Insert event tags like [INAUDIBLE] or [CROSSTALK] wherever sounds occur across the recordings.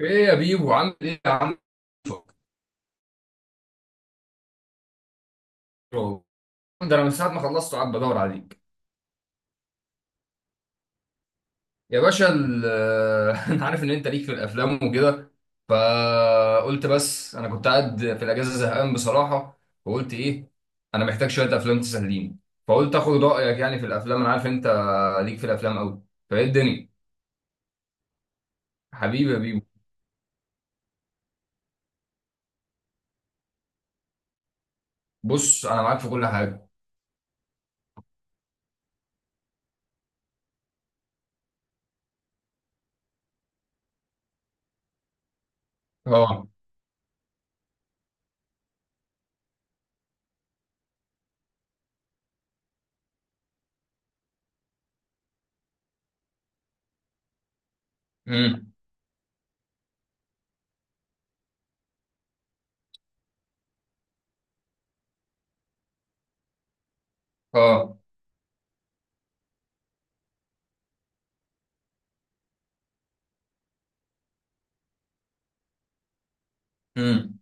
ايه يا بيبو، عامل ايه يا عم؟ ده انا من ساعه ما خلصت قاعد بدور عليك. يا باشا، [LAUGHS] انا عارف ان انت ليك في الافلام وكده، فقلت بس انا كنت قاعد في الاجازه زهقان بصراحه. وقلت ايه، انا محتاج شويه افلام تسليني. فقلت اخد رايك يعني في الافلام، انا عارف انت ليك في الافلام قوي. فايه الدنيا؟ حبيبي يا بيبو. بص انا معاك في كل حاجه. اه. امم. اه. امم.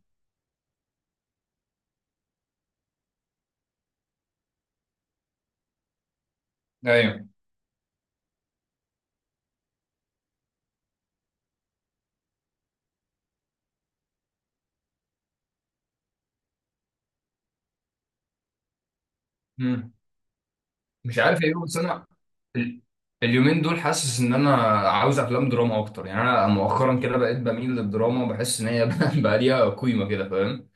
ايوه. امم. مش عارف ايه، بس انا ال- اليومين دول حاسس ان انا عاوز افلام دراما اكتر. يعني انا مؤخرا كده بقيت بميل للدراما، بحس ان هي [LAUGHS] بقى ليها قيمه كده، فاهم؟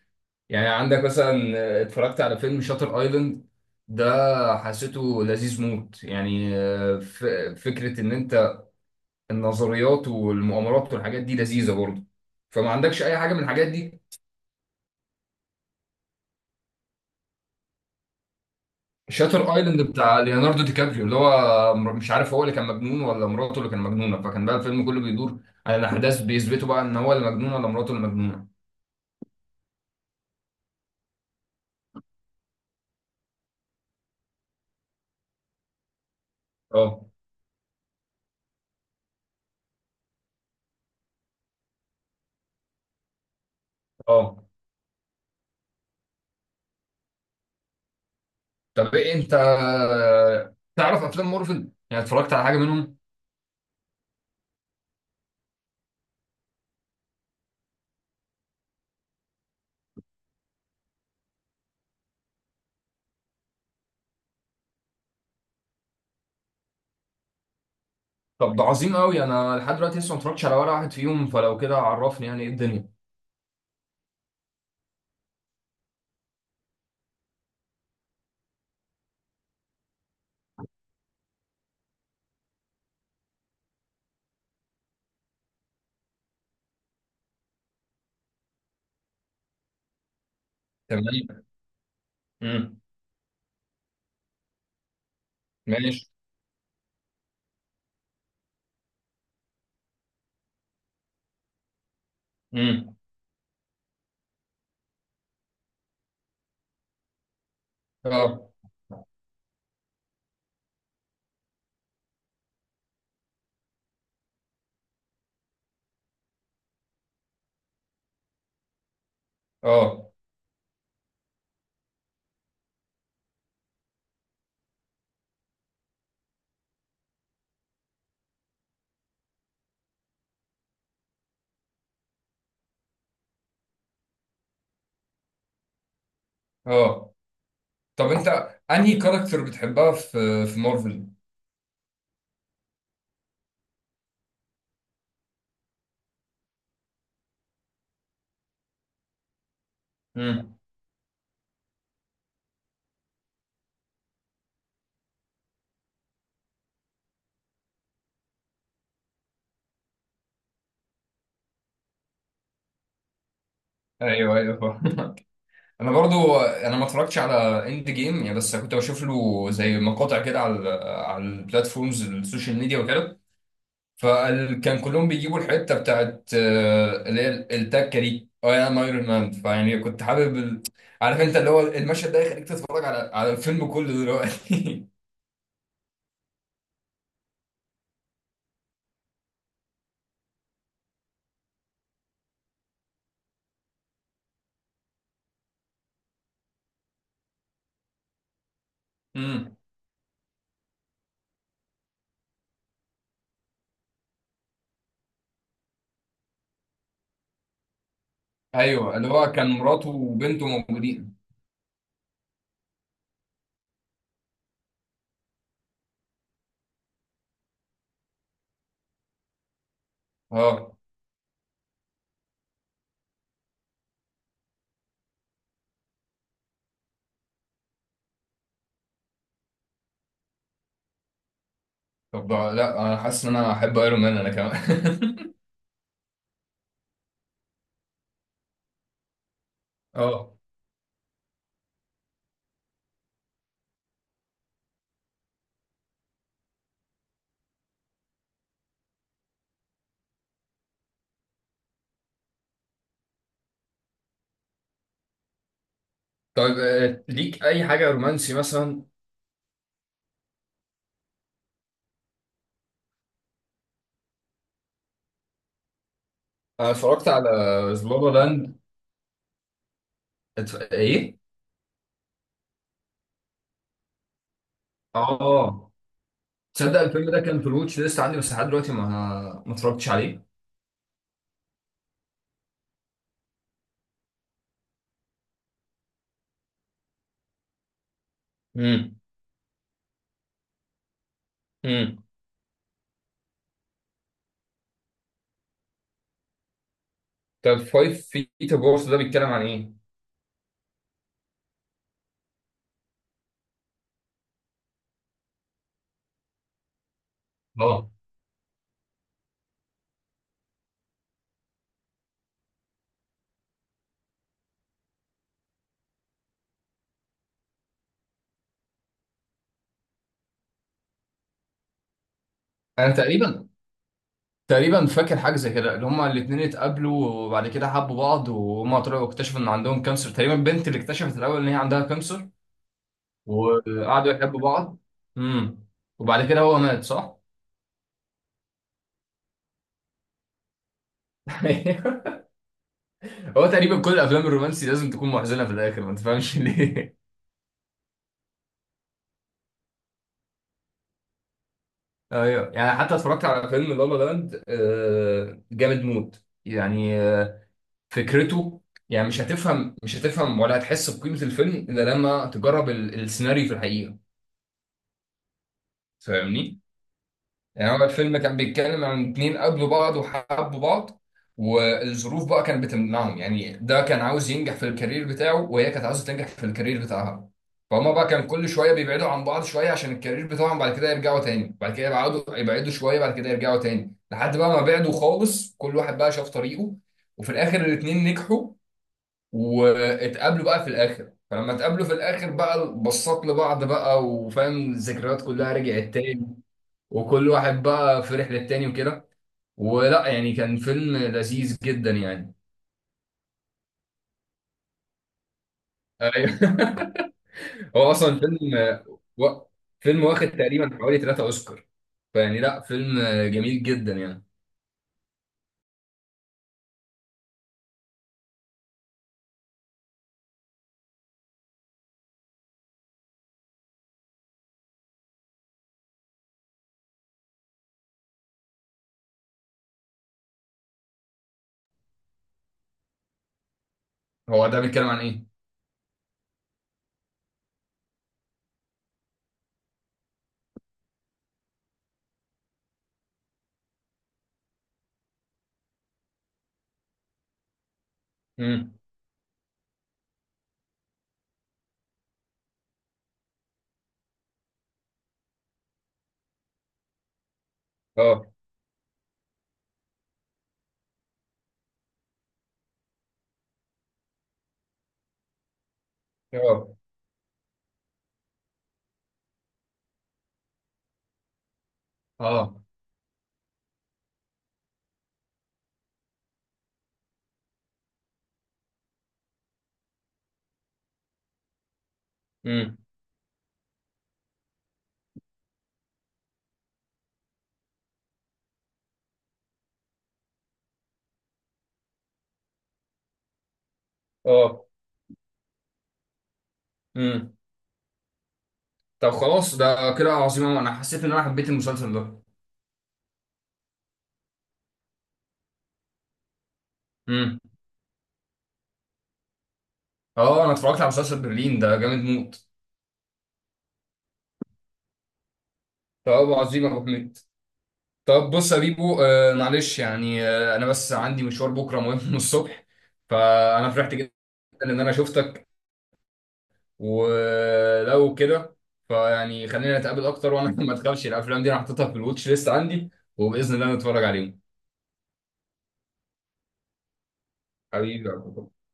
يعني عندك مثلا، اتفرجت على فيلم شاتر ايلاند، ده حسيته لذيذ موت يعني. ف- فكره ان انت النظريات والمؤامرات والحاجات دي لذيذه برضه، فما عندكش اي حاجه من الحاجات دي؟ شاتر ايلاند بتاع ليوناردو دي كابريو، اللي هو مش عارف هو اللي كان مجنون ولا مراته اللي كان مجنونه، فكان بقى الفيلم كله بيدور على الاحداث بيثبتوا بقى ان هو اللي مجنون ولا مراته اللي مجنونه. اه. اه. طب ايه انت تعرف افلام مارفل؟ يعني اتفرجت على حاجه منهم؟ طب ده عظيم قوي، انا لحد دلوقتي لسه ما اتفرجتش على ولا واحد فيهم، فلو كده عرفني يعني ايه الدنيا. تمام. امم. ماشي. امم. اه. اه. اه. طب انت انهي كاركتر بتحبها في في مارفل؟ امم. ايوه. ايوه انا برضو انا ما اتفرجتش على اند جيم يعني، بس كنت بشوف له زي مقاطع كده على ال على البلاتفورمز السوشيال ميديا وكده، فكان كلهم بيجيبوا الحته بتاعت اللي هي التكه دي، اه انا ايرون مان، فيعني كنت حابب عارف انت اللي هو المشهد ده يخليك تتفرج على على الفيلم كله دلوقتي. [LAUGHS] امم. ايوه اللي هو كان مراته وبنته موجودين. اه طب لا انا حاسس ان انا احب ايرون مان انا كمان. [LAUGHS] اه. طيب ليك اي حاجه رومانسي مثلا؟ انا اتفرجت على زلابا لاند. ايه. اه تصدق الفيلم ده كان في الواتش ليست عندي، بس لحد دلوقتي ما اتفرجتش عليه. امم. امم. طب فايف فيت اوف ده بيتكلم عن ايه؟ اه انا تقريبا فاكر حاجه زي كده، اللي هما الاثنين اتقابلوا وبعد كده حبوا بعض، وهما طلعوا اكتشفوا ان عندهم كانسر، تقريبا البنت اللي اكتشفت الاول ان هي عندها كانسر. وقعدوا يحبوا بعض. امم. وبعد كده هو مات، صح؟ [LAUGHS] هو تقريبا كل الافلام الرومانسي لازم تكون محزنه في الاخر، ما تفهمش ليه. ايوه يعني حتى اتفرجت على فيلم لا لا لاند، جامد موت يعني، فكرته يعني، مش هتفهم مش هتفهم ولا هتحس بقيمة الفيلم الا لما تجرب السيناريو في الحقيقة. فاهمني؟ يعني هو الفيلم كان بيتكلم عن اتنين قابلوا بعض وحبوا بعض، والظروف بقى كانت بتمنعهم، يعني ده كان عاوز ينجح في الكارير بتاعه وهي كانت عاوزة تنجح في الكارير بتاعها. فهما بقى كان كل شوية بيبعدوا عن بعض شوية عشان الكارير بتاعهم، بعد كده يرجعوا تاني، بعد كده يبعدوا يبعدوا شوية، بعد كده يرجعوا تاني، لحد بقى ما بعدوا خالص كل واحد بقى شاف طريقه. وفي الآخر الاتنين نجحوا واتقابلوا بقى في الآخر، فلما اتقابلوا في الآخر بقى بصات لبعض بقى وفاهم الذكريات كلها رجعت تاني، وكل واحد بقى في رحلة تاني وكده. ولا يعني كان فيلم لذيذ جدا يعني. ايوه. [LAUGHS] هو اصلا فيلم و... فيلم واخد تقريبا حوالي ثلاثة اوسكار، فيعني لا فيلم جميل جدا يعني. هو ده بيتكلم عن ايه؟ امم. اه. اه. اه. امم. اه. امم. طب خلاص ده كده عظيم أوي. انا حسيت ان انا حبيت المسلسل ده. امم. اه انا اتفرجت على مسلسل برلين ده جامد موت. طب عظيم يا ابو حميد. طب بص يا بيبو، معلش يعني، انا بس عندي مشوار بكره مهم [LAUGHS] من الصبح، فانا فرحت جدا ان انا شفتك، ولو كده فيعني خلينا نتقابل اكتر. وانا [LAUGHS] ما تخافش، الافلام دي انا حاططها في الواتش ليست عندي وباذن الله نتفرج عليهم. حبيبي يا عبد الله.